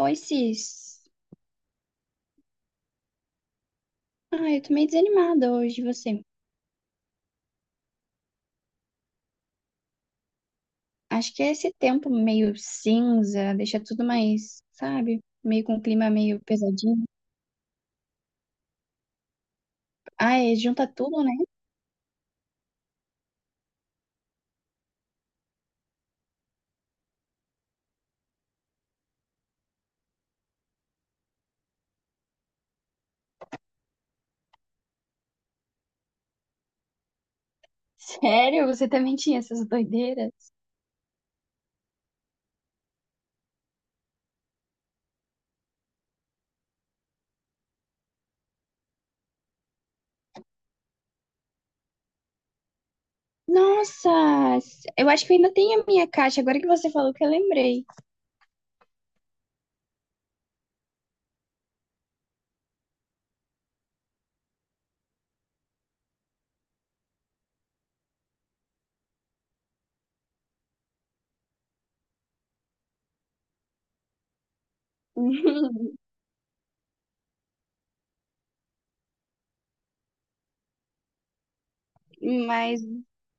Oi, Cis. Ah, eu tô meio desanimada hoje, você. Acho que é esse tempo meio cinza deixa tudo mais, sabe? Meio com um clima meio pesadinho. Ah, é, junta tudo, né? Sério? Você também tinha essas doideiras? Nossa! Eu acho que eu ainda tenho a minha caixa, agora que você falou que eu lembrei. Mas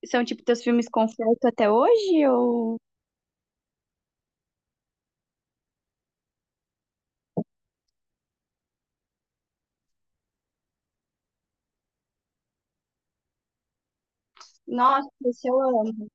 são tipo teus filmes conforto até hoje? Ou. Nossa, esse eu amo.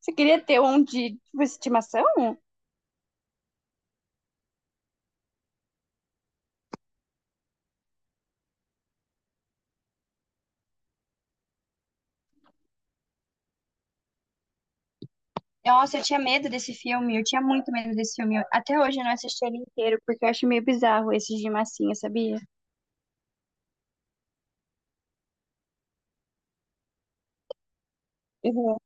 Você queria ter um de tipo, estimação? Nossa, eu tinha medo desse filme, eu tinha muito medo desse filme. Eu- até hoje eu não assisti ele inteiro, porque eu acho meio bizarro esses de massinha, sabia? Uhum.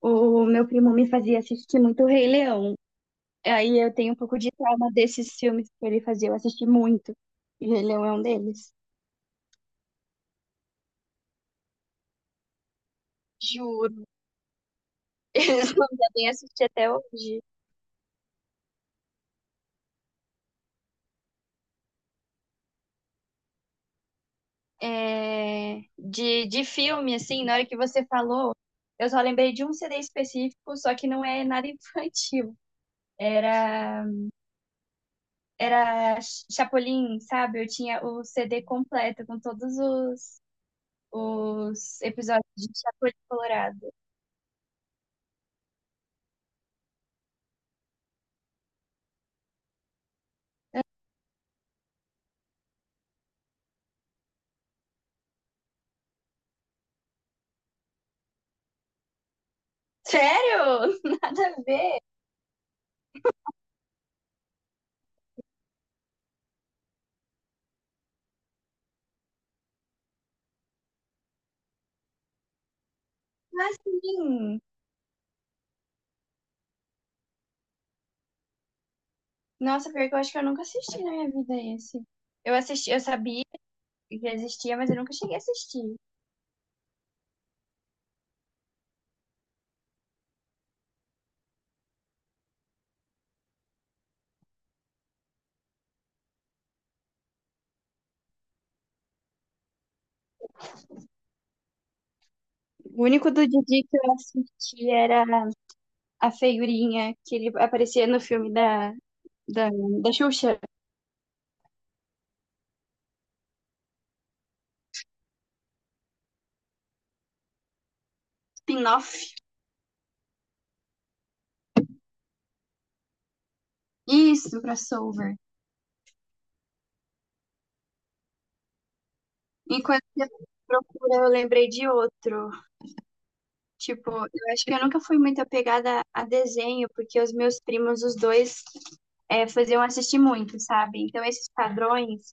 O meu primo me fazia assistir muito o Rei Leão. Aí eu tenho um pouco de trauma desses filmes que ele fazia, eu assisti muito. E o Rei Leão é um deles. Juro. Eles não devem assistir até hoje. É, de filme, assim, na hora que você falou, eu só lembrei de um CD específico, só que não é nada infantil. Era era Chapolin, sabe? Eu tinha o CD completo com todos os episódios de Chapolin Colorado. Sério? Nada a ver. Mas sim. Nossa, pior que eu acho que eu nunca assisti na minha vida esse. Eu assisti, eu sabia que existia, mas eu nunca cheguei a assistir. O único do Didi que eu assisti era a figurinha que ele aparecia no filme da, da, da Xuxa, spin-off. Isso, crossover. Enquanto eu procura, eu lembrei de outro. Tipo, eu acho que eu nunca fui muito apegada a desenho, porque os meus primos, os dois, é, faziam assistir muito, sabe? Então, esses padrões,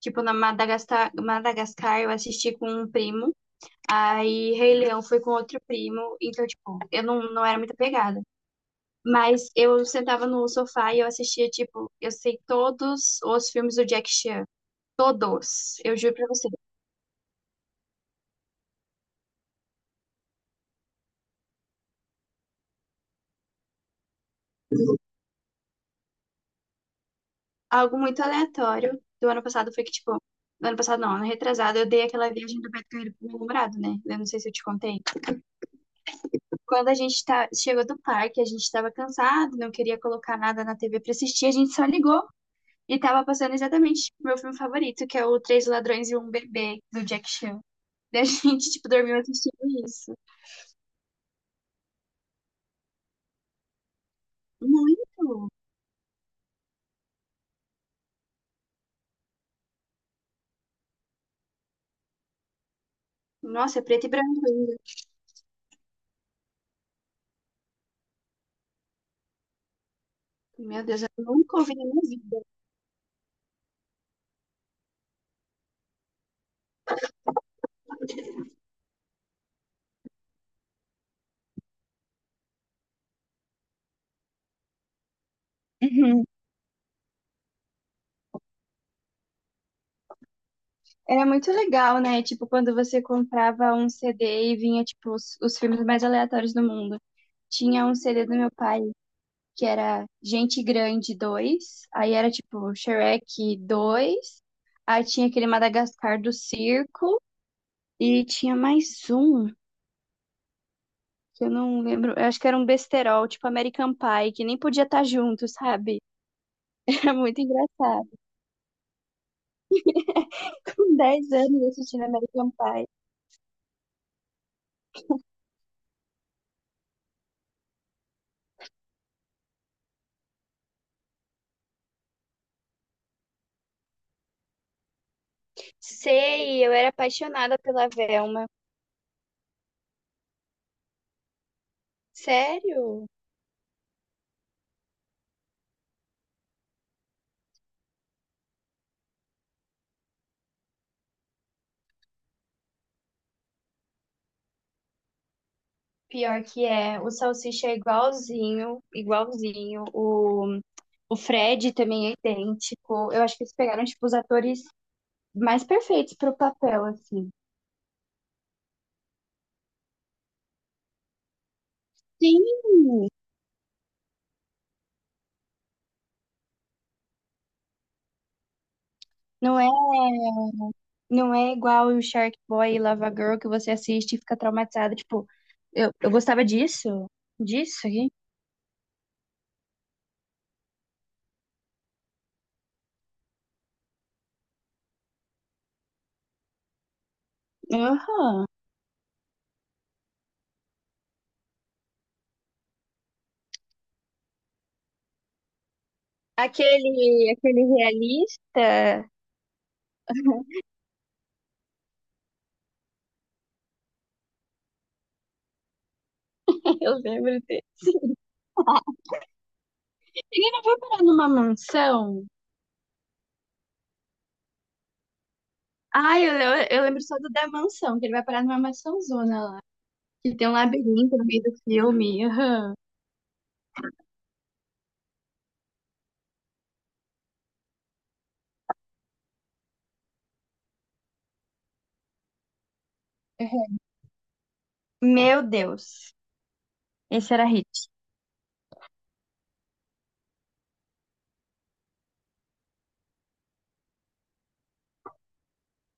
tipo, na Madagascar, Madagascar eu assisti com um primo, aí Rei Leão foi com outro primo, então, tipo, eu não era muito apegada. Mas eu sentava no sofá e eu assistia, tipo, eu sei todos os filmes do Jack Chan. Todos, eu juro pra você. Algo muito aleatório do ano passado foi que, tipo, no ano passado não, ano retrasado, eu dei aquela viagem do Beto Carreiro pro meu namorado, né? Eu não sei se eu te contei. Quando a gente tá, chegou do parque, a gente tava cansado, não queria colocar nada na TV pra assistir, a gente só ligou e tava passando exatamente o meu filme favorito, que é o Três Ladrões e um Bebê, do Jack Chan. Daí a gente, tipo, dormiu assistindo isso. Muito! Nossa, é preto e branco ainda. Meu Deus, eu nunca ouvi na minha vida. Era muito legal, né? Tipo, quando você comprava um CD e vinha, tipo, os filmes mais aleatórios do mundo. Tinha um CD do meu pai que era Gente Grande dois. Aí era tipo Shrek dois. Aí tinha aquele Madagascar do Circo, e tinha mais um, que eu não lembro, eu acho que era um besterol, tipo American Pie, que nem podia estar junto, sabe? Era muito engraçado. Com 10 anos assistindo American Pie. Sei, eu era apaixonada pela Velma. Sério? Pior que é. O salsicha é igualzinho, igualzinho. O Fred também é idêntico. Eu acho que eles pegaram, tipo, os atores mais perfeitos pro papel, assim. Sim, Não é, não é igual o Shark Boy e Lava Girl que você assiste e fica traumatizado. Tipo, eu gostava disso, disso aqui. Aham. Aquele, aquele realista, eu lembro dele. Ele não foi parar numa mansão? Ai, eu, eu lembro só do da mansão, que ele vai parar numa mansãozona lá. Que tem um labirinto no meio do filme. Aham. Aham. Meu Deus. Esse era hit.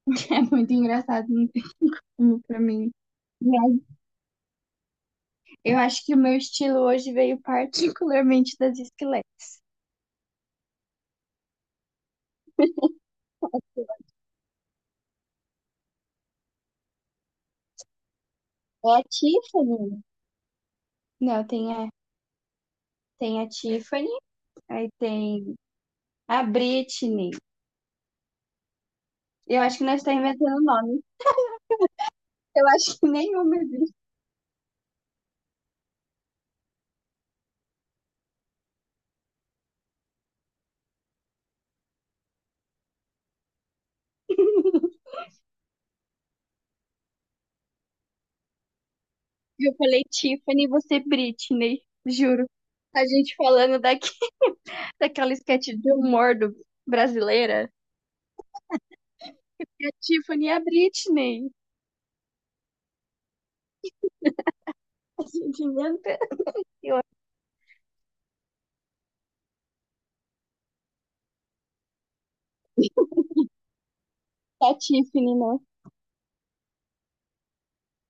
É muito engraçado, não tem como pra mim. E eu acho que o meu estilo hoje veio particularmente das esqueletas. É a Tiffany. Não, tem a Tiffany, aí tem a Britney. Eu acho que nós estamos inventando nome. Eu acho que nenhuma é. Eu falei Tiffany e você Britney, juro. A gente falando daqui, daquela sketch de humor do, brasileira. A Tiffany e a Britney. A gente inventa. Eu acho que a Tiffany, né?